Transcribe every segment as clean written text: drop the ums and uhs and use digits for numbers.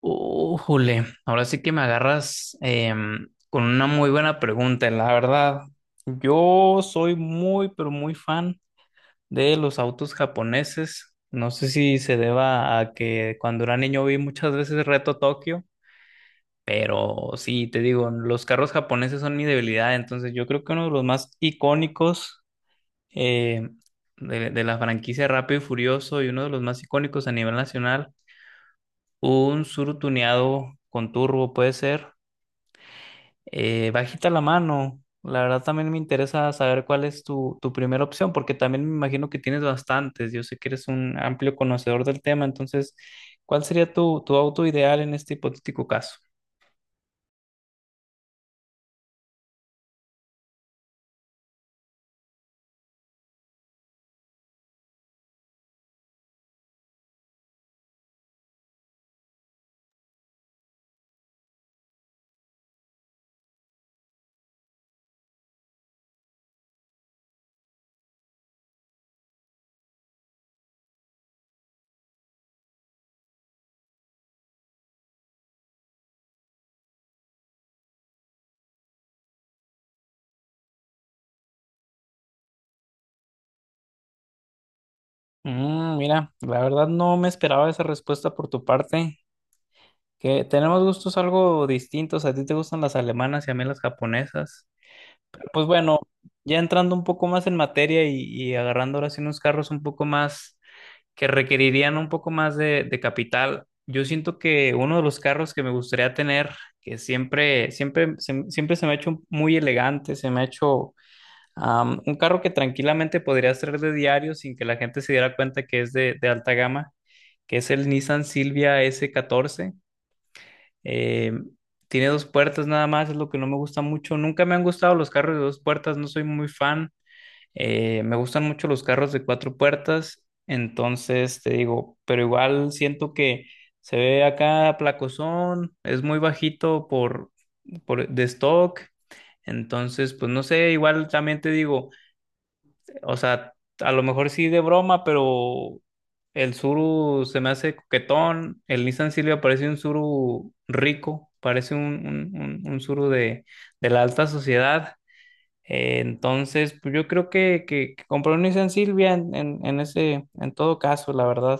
Újule, ahora sí que me agarras con una muy buena pregunta, la verdad. Yo soy muy, pero muy fan de los autos japoneses. No sé si se deba a que cuando era niño vi muchas veces Reto Tokio, pero sí, te digo, los carros japoneses son mi debilidad. Entonces, yo creo que uno de los más icónicos eh, de la franquicia Rápido y Furioso y uno de los más icónicos a nivel nacional, un Tsuru tuneado con turbo puede ser. Bajita la mano. La verdad también me interesa saber cuál es tu primera opción, porque también me imagino que tienes bastantes. Yo sé que eres un amplio conocedor del tema, entonces, ¿cuál sería tu auto ideal en este hipotético caso? Mira, la verdad no me esperaba esa respuesta por tu parte, que tenemos gustos algo distintos. A ti te gustan las alemanas y a mí las japonesas. Pues bueno, ya entrando un poco más en materia y agarrando ahora sí unos carros un poco más que requerirían un poco más de capital. Yo siento que uno de los carros que me gustaría tener, que siempre, siempre, siempre se me ha hecho muy elegante, se me ha hecho un carro que tranquilamente podría ser de diario sin que la gente se diera cuenta que es de alta gama, que es el Nissan Silvia S14. Eh, Tiene dos puertas nada más, es lo que no me gusta mucho. Nunca me han gustado los carros de dos puertas, no soy muy fan. Me gustan mucho los carros de cuatro puertas, entonces te digo, pero igual siento que se ve acá placosón, es muy bajito por de stock, entonces pues no sé, igual también te digo, o sea, a lo mejor sí de broma, pero el Suru se me hace coquetón, el Nissan Silvia parece un Suru rico, parece un Suru de la alta sociedad. Entonces, pues yo creo que compré un Nissan Silvia en todo caso, la verdad.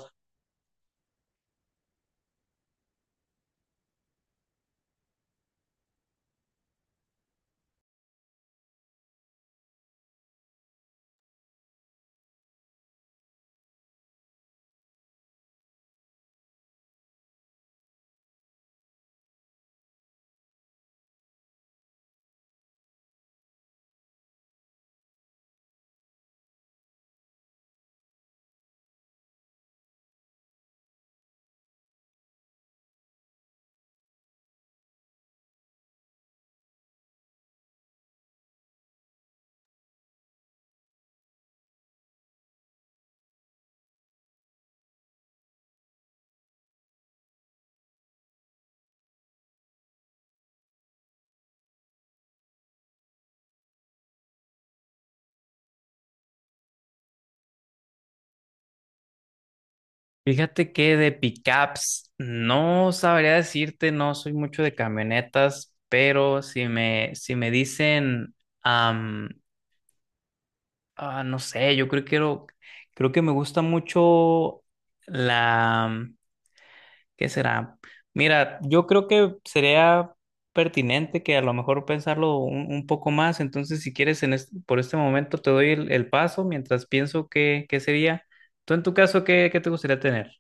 Fíjate que de pickups no sabría decirte, no soy mucho de camionetas, pero si me dicen, am, no sé, yo creo que creo que me gusta mucho la, ¿qué será? Mira, yo creo que sería pertinente que a lo mejor pensarlo un poco más. Entonces, si quieres, por este momento te doy el paso mientras pienso qué sería. Tú, en tu caso, ¿qué te gustaría tener?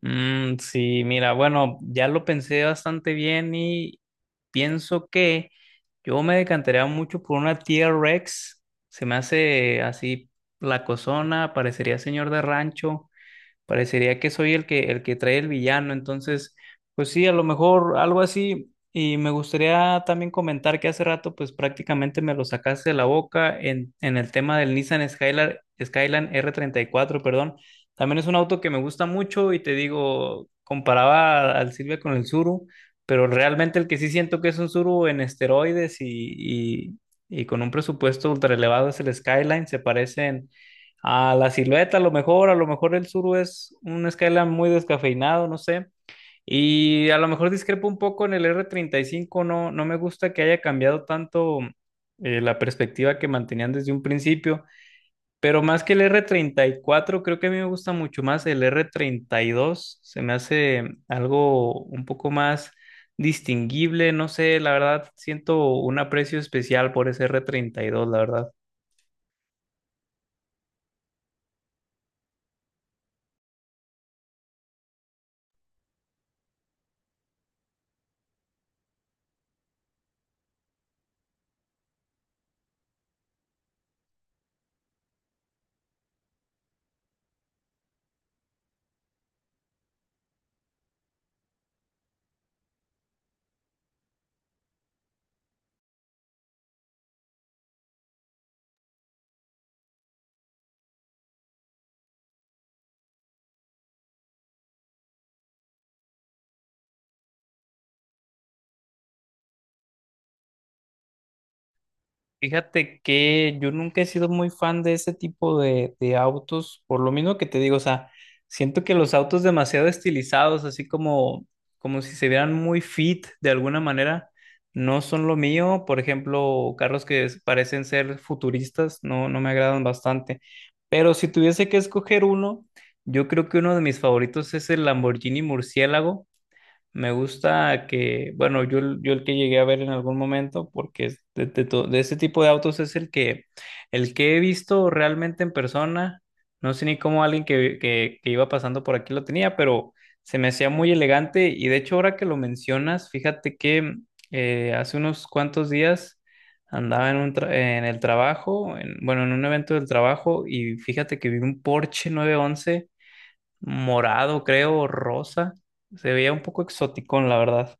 Mm, sí, mira, bueno, ya lo pensé bastante bien y pienso que yo me decantaría mucho por una T-Rex. Se me hace así la cosona, parecería señor de rancho. Parecería que soy el que trae el villano, entonces, pues sí, a lo mejor algo así. Y me gustaría también comentar que hace rato, pues prácticamente me lo sacaste de la boca en el tema del Nissan Skyline, Skyline R34 perdón. También es un auto que me gusta mucho y te digo, comparaba al Silvia con el Suru, pero realmente el que sí siento que es un Suru en esteroides y con un presupuesto ultra elevado es el Skyline, se parecen a la silueta, a lo mejor el Suru es un Skyline muy descafeinado, no sé. Y a lo mejor discrepo un poco en el R35 no, no me gusta que haya cambiado tanto la perspectiva que mantenían desde un principio, pero más que el R34 creo que a mí me gusta mucho más el R32, se me hace algo un poco más distinguible, no sé, la verdad siento un aprecio especial por ese R32, la verdad. Fíjate que yo nunca he sido muy fan de ese tipo de autos, por lo mismo que te digo, o sea, siento que los autos demasiado estilizados, así como si se vieran muy fit de alguna manera, no son lo mío. Por ejemplo, carros que parecen ser futuristas, no, no me agradan bastante. Pero si tuviese que escoger uno, yo creo que uno de mis favoritos es el Lamborghini Murciélago. Me gusta que, bueno, yo, yo el que llegué a ver en algún momento, porque es de ese tipo de autos es el que he visto realmente en persona. No sé ni cómo alguien que iba pasando por aquí lo tenía, pero se me hacía muy elegante. Y de hecho, ahora que lo mencionas, fíjate que hace unos cuantos días andaba en el trabajo, bueno, en un evento del trabajo, y fíjate que vi un Porsche 911 morado, creo, o rosa. Se veía un poco exoticón, la verdad.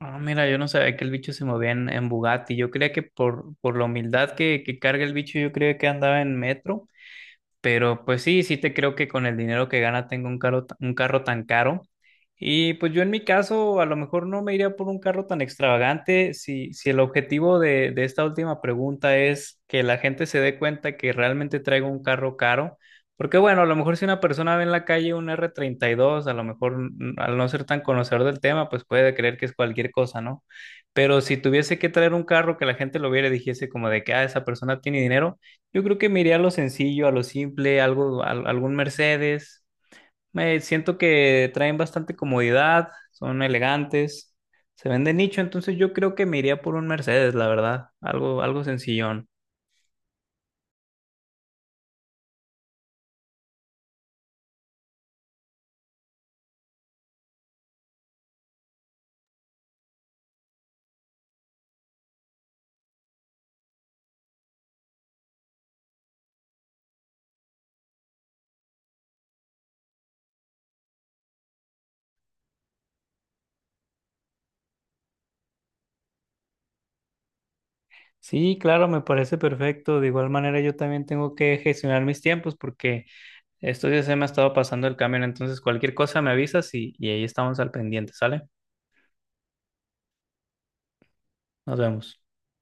Ah, mira, yo no sabía que el bicho se movía en Bugatti. Yo creía que por la humildad que carga el bicho, yo creía que andaba en metro. Pero pues sí, sí te creo que con el dinero que gana tengo un carro, un carro tan caro. Y pues yo en mi caso a lo mejor no me iría por un carro tan extravagante si el objetivo de esta última pregunta es que la gente se dé cuenta que realmente traigo un carro caro. Porque bueno, a lo mejor si una persona ve en la calle un R32 a lo mejor al no ser tan conocedor del tema, pues puede creer que es cualquier cosa, ¿no? Pero si tuviese que traer un carro que la gente lo viera y dijese como de que, ah, esa persona tiene dinero. Yo creo que me iría a lo sencillo, a lo simple, algo, algún Mercedes. Me siento que traen bastante comodidad, son elegantes, se ven de nicho, entonces yo creo que me iría por un Mercedes, la verdad, algo sencillón. Sí, claro, me parece perfecto. De igual manera, yo también tengo que gestionar mis tiempos porque estos días se me ha estado pasando el camión, entonces cualquier cosa me avisas y ahí estamos al pendiente, ¿sale? Nos vemos.